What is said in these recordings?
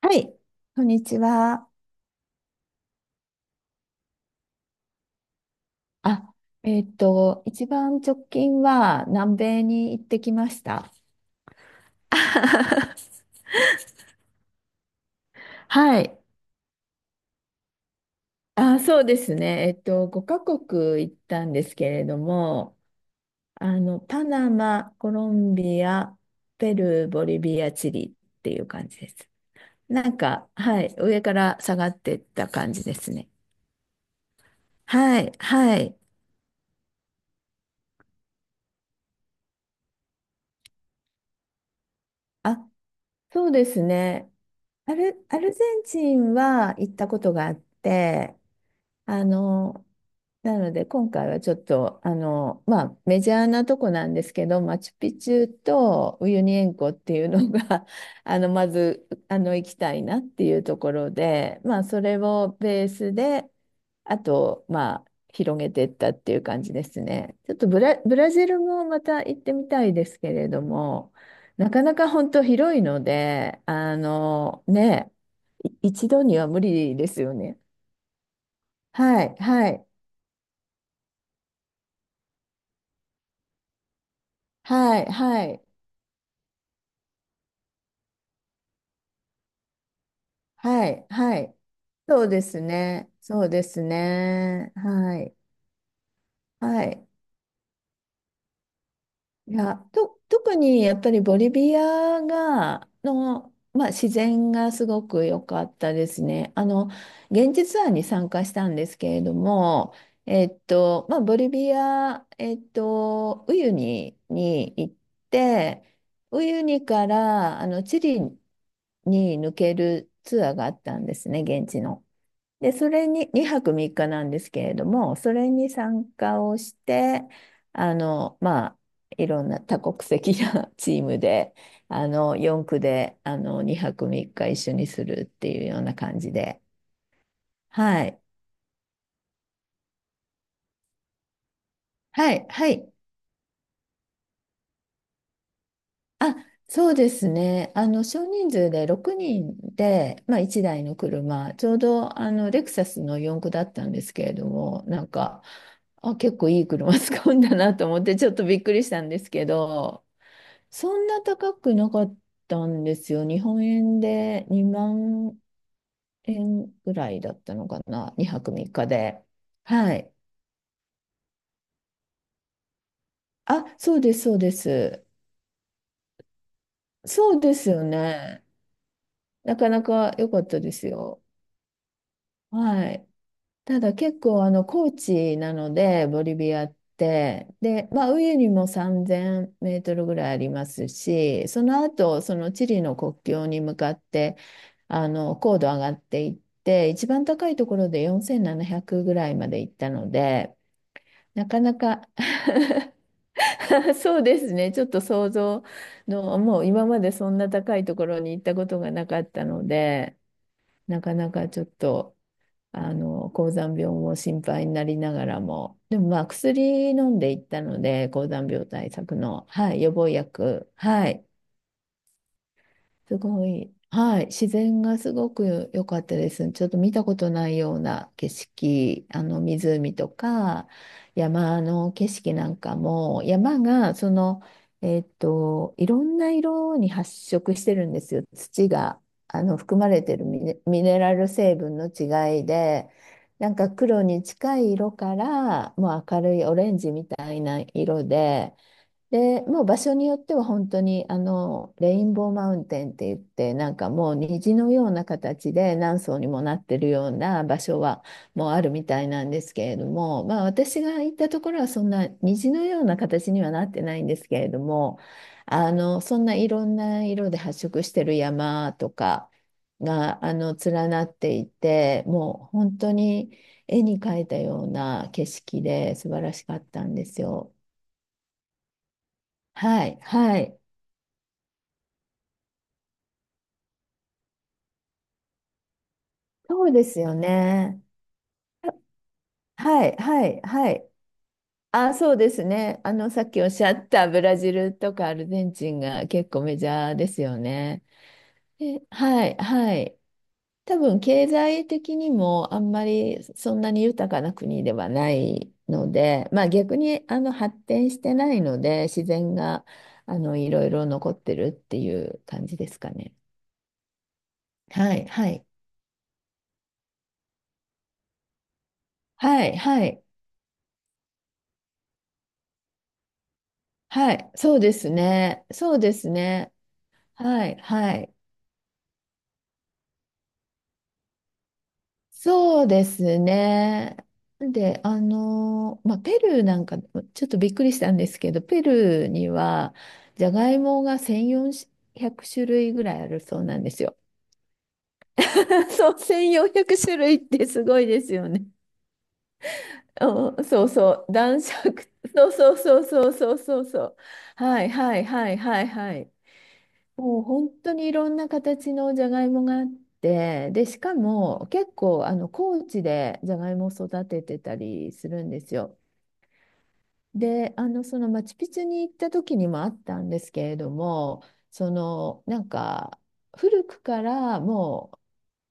はい、こんにちは。あ、一番直近は南米に行ってきました。はい。そうですね。5カ国行ったんですけれども、パナマ、コロンビア、ペルー、ボリビア、チリっていう感じです。なんか、はい、上から下がってった感じですね。はい、はい。あ、そうですね。アルゼンチンは行ったことがあって、あの、なので今回はちょっと、まあメジャーなとこなんですけど、マチュピチュとウユニ塩湖っていうのが まず、行きたいなっていうところで、まあそれをベースで、あと、まあ広げていったっていう感じですね。ちょっとブラジルもまた行ってみたいですけれども、なかなか本当広いので、ね、一度には無理ですよね。はい、はい。はい、はい、はい、はい。そうですね。そうですね。はい、はい。いや、特にやっぱりボリビアの、まあ、自然がすごく良かったですね。現地ツアーに参加したんですけれども、まあ、ボリビア、ウユニに行って、ウユニから、チリに抜けるツアーがあったんですね、現地の。で、それに、2泊3日なんですけれども、それに参加をして、まあ、いろんな多国籍な チームで、4区で、2泊3日一緒にするっていうような感じで。はい。はい。はい。あ、そうですね。少人数で6人で、まあ、1台の車、ちょうど、レクサスの4駆だったんですけれども、なんか、結構いい車 使うんだなと思って、ちょっとびっくりしたんですけど、そんな高くなかったんですよ。日本円で2万円ぐらいだったのかな。2泊3日で。はい。そうです、そうです。そうですよね。なかなか良かったですよ。はい。ただ結構あの高地なのでボリビアってで、まあ、上にも3000メートルぐらいありますし、その後そのチリの国境に向かってあの高度上がっていって、一番高いところで4700ぐらいまで行ったので、なかなか そうですね、ちょっと想像のもう今までそんな高いところに行ったことがなかったのでなかなかちょっと。高山病も心配になりながらも、でもまあ薬飲んでいったので、高山病対策の、はい、予防薬、はい、すごい、はい、自然がすごく良かったです。ちょっと見たことないような景色、あの湖とか山の景色なんかも、山がいろんな色に発色してるんですよ。土が、含まれてるミネラル成分の違いで、なんか黒に近い色から、もう明るいオレンジみたいな色で、で、もう場所によっては本当にあのレインボーマウンテンって言って、なんかもう虹のような形で何層にもなってるような場所はもうあるみたいなんですけれども、まあ私が行ったところはそんな虹のような形にはなってないんですけれども、そんないろんな色で発色してる山とかが連なっていて、もう本当に絵に描いたような景色で素晴らしかったんですよ。はい、はい。そうですよね。はい、はい、はい。そうですね。さっきおっしゃったブラジルとかアルゼンチンが結構メジャーですよね。で、はい、はい。多分、経済的にもあんまりそんなに豊かな国ではないので、まあ逆に発展してないので、自然がいろいろ残ってるっていう感じですかね。はい、はい。はい、はい。はい、そうですね。そうですね。はい、はい。そうですね。で、まあ、ペルーなんか、ちょっとびっくりしたんですけど、ペルーには、じゃがいもが1400種類ぐらいあるそうなんですよ。そう、1400種類ってすごいですよね。うん、そうそう、男爵、そうそうそうそうそうそうそう。はいはいはいはいはい。もう本当にいろんな形のじゃがいもがあって、で、しかも結構あの高地でじゃがいもを育ててたりするんですよ。で、そのマチュピチュに行った時にもあったんですけれども、そのなんか古くからも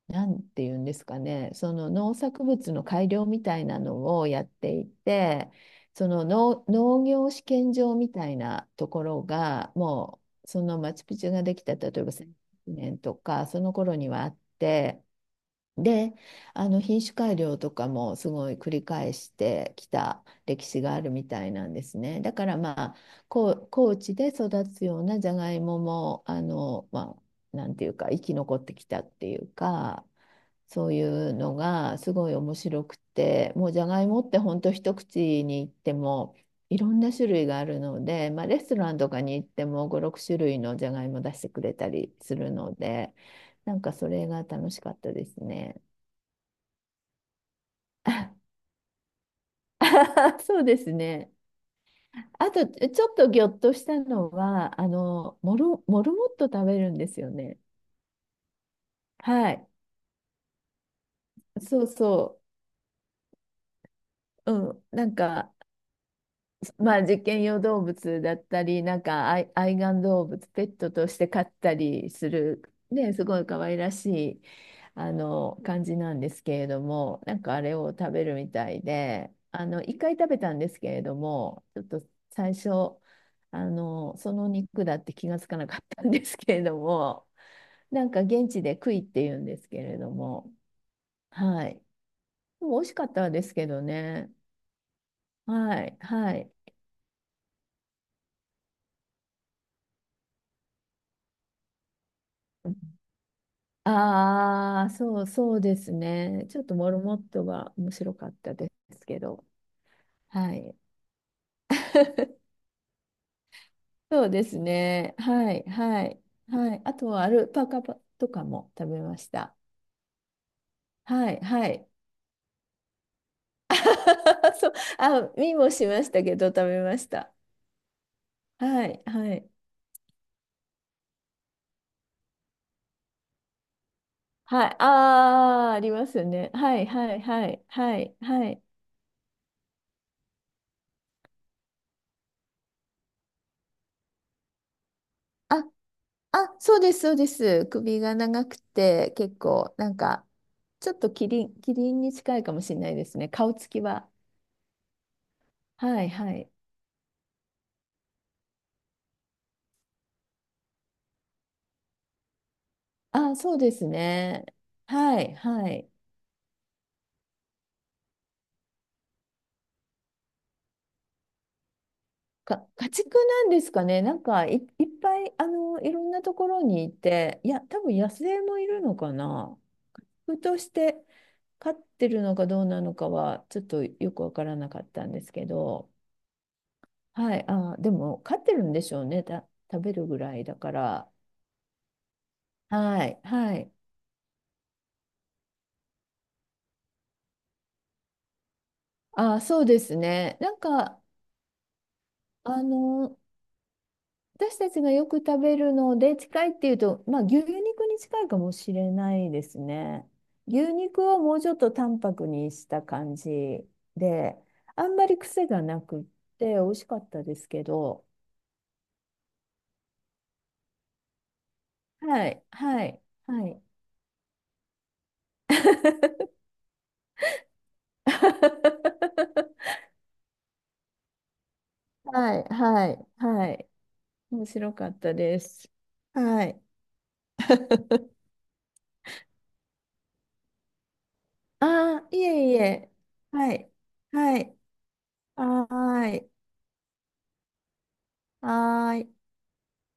なんていうんですかね、その農作物の改良みたいなのをやっていて、その農業試験場みたいなところが、もうそのマチュピチュができた、例えば100年とか、その頃にはあって、で、品種改良とかもすごい繰り返してきた歴史があるみたいなんですね。だからまあ、こう高地で育つようなじゃがいもも、まあ、なんていうか生き残ってきたっていうか、そういうのがすごい面白くて、もうじゃがいもって本当一口にいってもいろんな種類があるので、まあ、レストランとかに行っても5、6種類のじゃがいも出してくれたりするので、なんかそれが楽しかったですね。あ そうですね。あとちょっとぎょっとしたのはモルモット食べるんですよね。はい。そうそう。うん。なんかまあ、実験用動物だったり、なんか愛玩動物、ペットとして飼ったりする、ね、すごい可愛らしい、感じなんですけれども、なんかあれを食べるみたいで、一回食べたんですけれども、ちょっと最初、その肉だって気がつかなかったんですけれども、なんか現地でクイって言うんですけれども、はい。でも美味しかったですけどね。はい、はい。ああ、そう、そうですね。ちょっとモルモットが面白かったですけど。はい。そうですね。はい、はい、はい。あとはアルパカとかも食べました。はい、はい。そう、見もしましたけど食べました。はい、はい。はい。ああ、ありますよね。はい、はい、はい、はい、はい。そうです、そうです。首が長くて、結構、なんか、ちょっとキリンに近いかもしれないですね。顔つきは。はい、はい。そうですね。はい、はい。家畜なんですかね。なんかいっぱい、いろんなところにいて、いや、多分野生もいるのかな。ふとして飼ってるのかどうなのかは、ちょっとよくわからなかったんですけど、はい、でも、飼ってるんでしょうね。食べるぐらいだから。はい、はい。そうですね。なんか、あの、私たちがよく食べるので近いっていうと、まあ、牛肉に近いかもしれないですね。牛肉をもうちょっと淡白にした感じで、あんまり癖がなくって美味しかったですけど、はい、はい、はい。はい、はい、はい。面白かったです。はい。ああ、いえいえ。はい。はい。はーい。はーい。